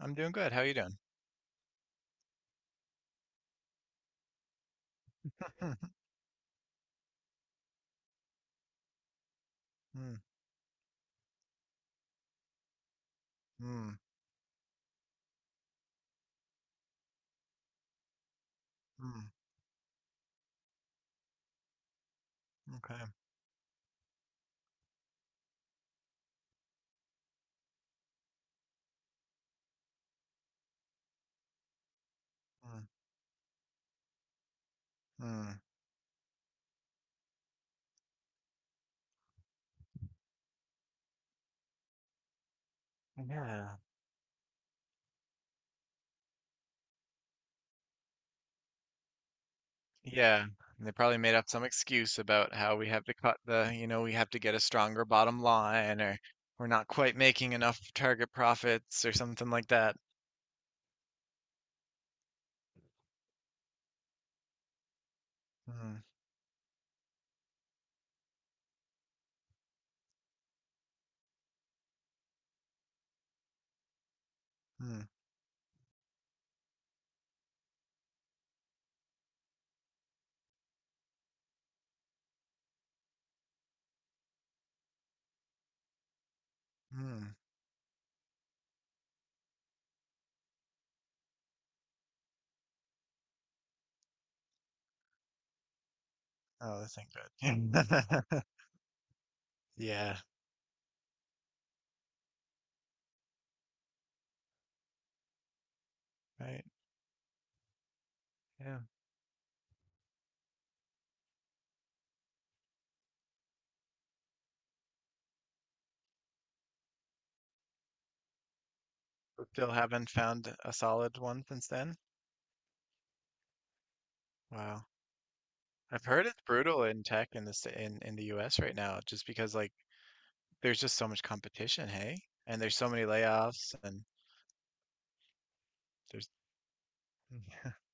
I'm doing good. How are you doing? Mm, mm, mm, mm, okay. Mm, mm. Yeah. Yeah. And they probably made up some excuse about how we have to cut the, we have to get a stronger bottom line or we're not quite making enough target profits or something like that. Mm, mm, mm. Oh, that's ain't good. Yeah. Right. Yeah. But still haven't found a solid one since then. Wow. I've heard it's brutal in tech in the US right now just because like there's just so much competition, hey? And there's so many layoffs and there's.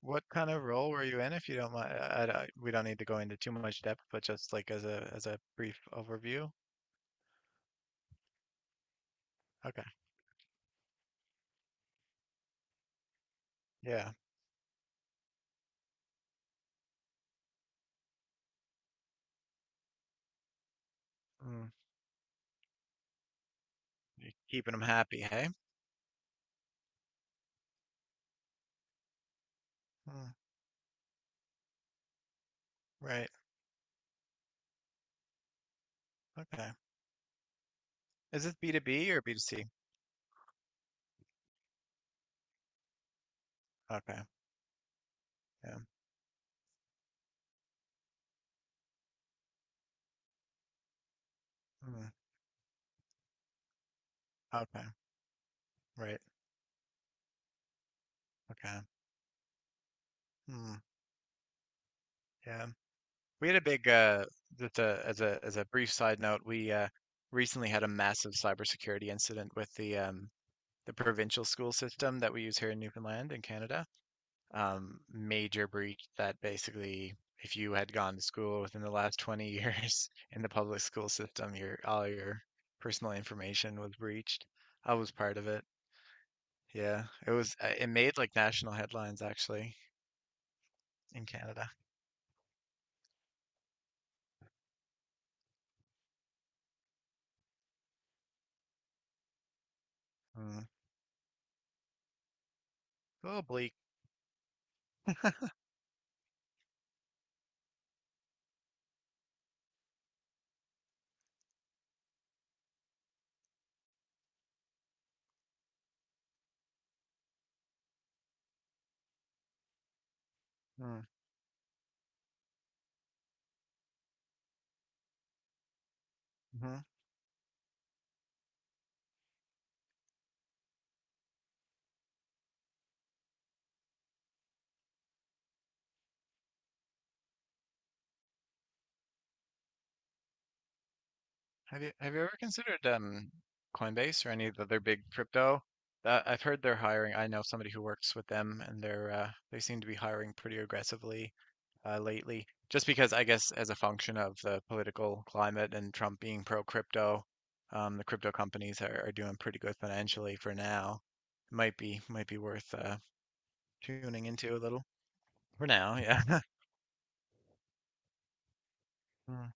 What kind of role were you in if you don't mind? We don't need to go into too much depth, but just like as a brief overview. Okay. Yeah. Mm. You're keeping them happy, hey? Mm, right. Okay. Is this B2B or B2C? Okay. Yeah. Mm, okay. Right. Okay. Mm, yeah. We had a big just a, as a brief side note, we recently had a massive cybersecurity incident with the provincial school system that we use here in Newfoundland and Canada. Major breach that basically, if you had gone to school within the last 20 years in the public school system, your all your personal information was breached. I was part of it. Yeah, it was. It made like national headlines actually in Canada. Mm. A little bleak. Mm. Hmm. Mm-hmm. Have you ever considered Coinbase or any of the other big crypto? I've heard they're hiring. I know somebody who works with them, and they seem to be hiring pretty aggressively lately. Just because I guess as a function of the political climate and Trump being pro crypto, the crypto companies are doing pretty good financially for now. It might be worth tuning into a little for now. Yeah. Mm,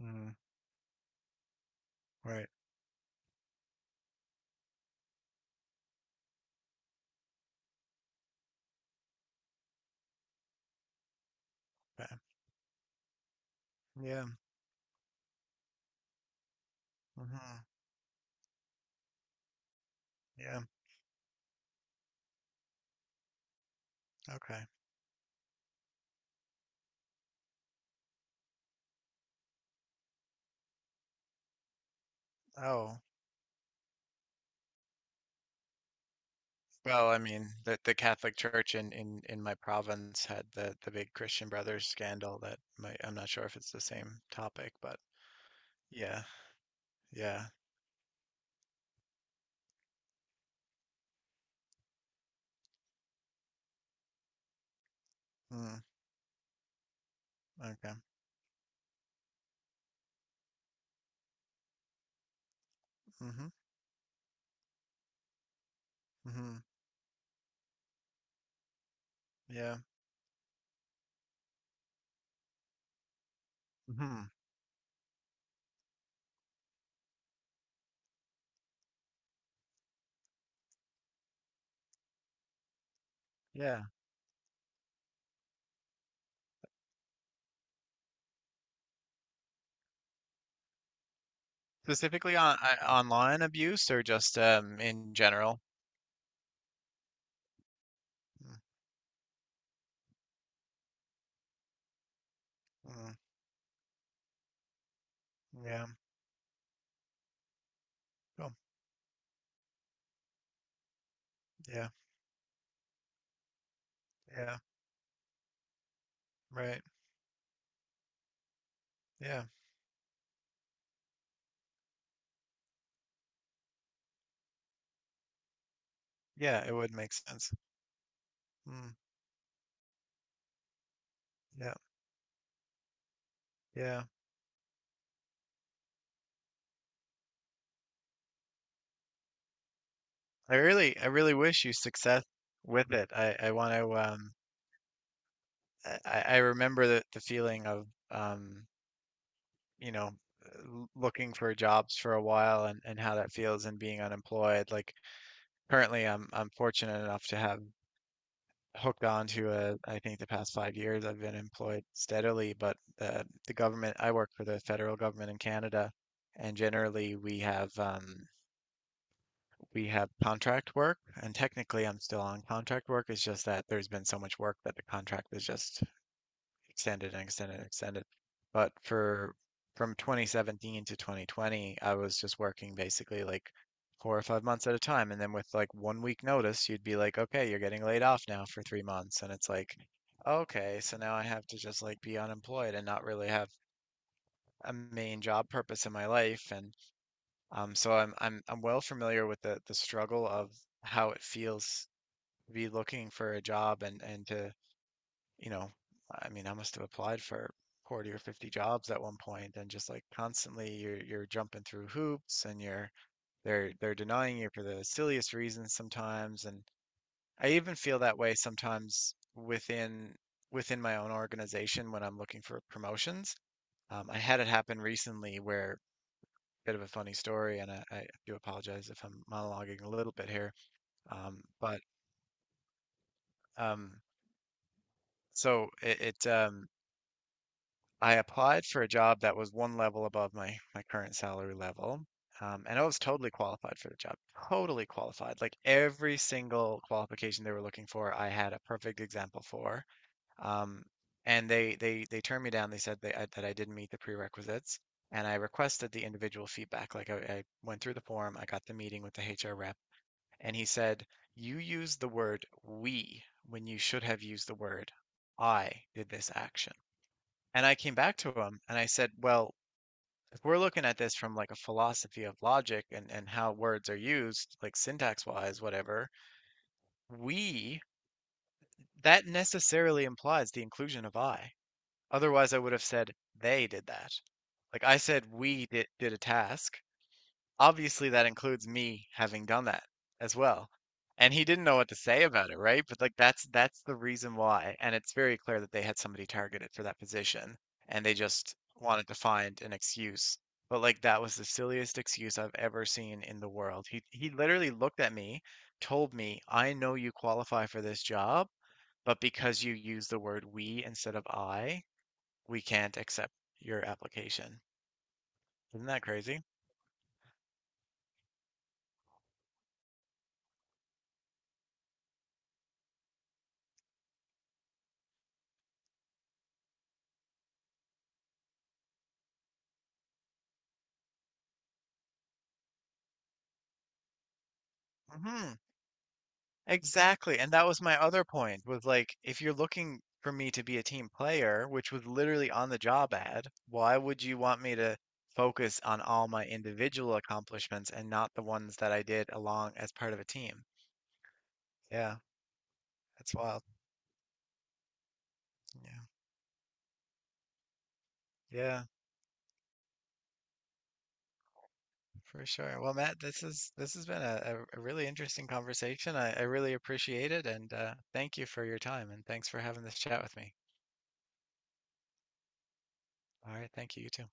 mm, right. Yeah. Yeah. Hmm. Yeah. Okay. Oh. Well, I mean, the Catholic Church in my province had the big Christian Brothers scandal that might, I'm not sure if it's the same topic, but yeah, yeah. Mm, okay. Mm-hmm. Mm-hmm. Yeah. Mm-hmm. Yeah. Specifically on online abuse or just in general? Mm, mm, yeah. Oh, yeah. Yeah. Right. Yeah. Yeah, it would make sense. Mm, yeah. Yeah. I really wish you success with it. I want to I remember the feeling of you know looking for jobs for a while and how that feels and being unemployed. Like currently, I'm fortunate enough to have hooked on to a, I think the past 5 years I've been employed steadily, but the government I work for the federal government in Canada, and generally we have contract work, and technically I'm still on contract work. It's just that there's been so much work that the contract is just extended and extended and extended. But for from 2017 to 2020, I was just working basically like 4 or 5 months at a time. And then with like one week notice, you'd be like, okay, you're getting laid off now for 3 months. And it's like, okay, so now I have to just like be unemployed and not really have a main job purpose in my life. And so I'm well familiar with the struggle of how it feels to be looking for a job and you know, I mean, I must have applied for 40 or 50 jobs at one point and just like constantly you're jumping through hoops and you're they're denying you for the silliest reasons sometimes, and I even feel that way sometimes within my own organization when I'm looking for promotions. I had it happen recently where bit of a funny story, and I do apologize if I'm monologuing a little bit here. But um so it I applied for a job that was one level above my current salary level. And I was totally qualified for the job. Totally qualified. Like every single qualification they were looking for, I had a perfect example for. Um, and they turned me down. They said that I didn't meet the prerequisites. And I requested the individual feedback. Like I went through the form, I got the meeting with the HR rep, and he said, "You used the word 'we' when you should have used the word 'I' did this action." And I came back to him and I said, well, if we're looking at this from like a philosophy of logic and how words are used, like syntax wise, whatever, we, that necessarily implies the inclusion of I. Otherwise, I would have said they did that. Like I said, we did a task. Obviously that includes me having done that as well. And he didn't know what to say about it, right? But like that's the reason why. And it's very clear that they had somebody targeted for that position and they just wanted to find an excuse. But like that was the silliest excuse I've ever seen in the world. He literally looked at me, told me, "I know you qualify for this job, but because you use the word we instead of I, we can't accept your application." Isn't that crazy? hmm Exactly, and that was my other point was like if you're looking for me to be a team player, which was literally on the job ad, why would you want me to focus on all my individual accomplishments and not the ones that I did along as part of a team? Yeah, that's wild. Yeah. Yeah, for sure. Well, Matt, this has been a really interesting conversation. I really appreciate it and thank you for your time and thanks for having this chat with me. All right, thank you, you too.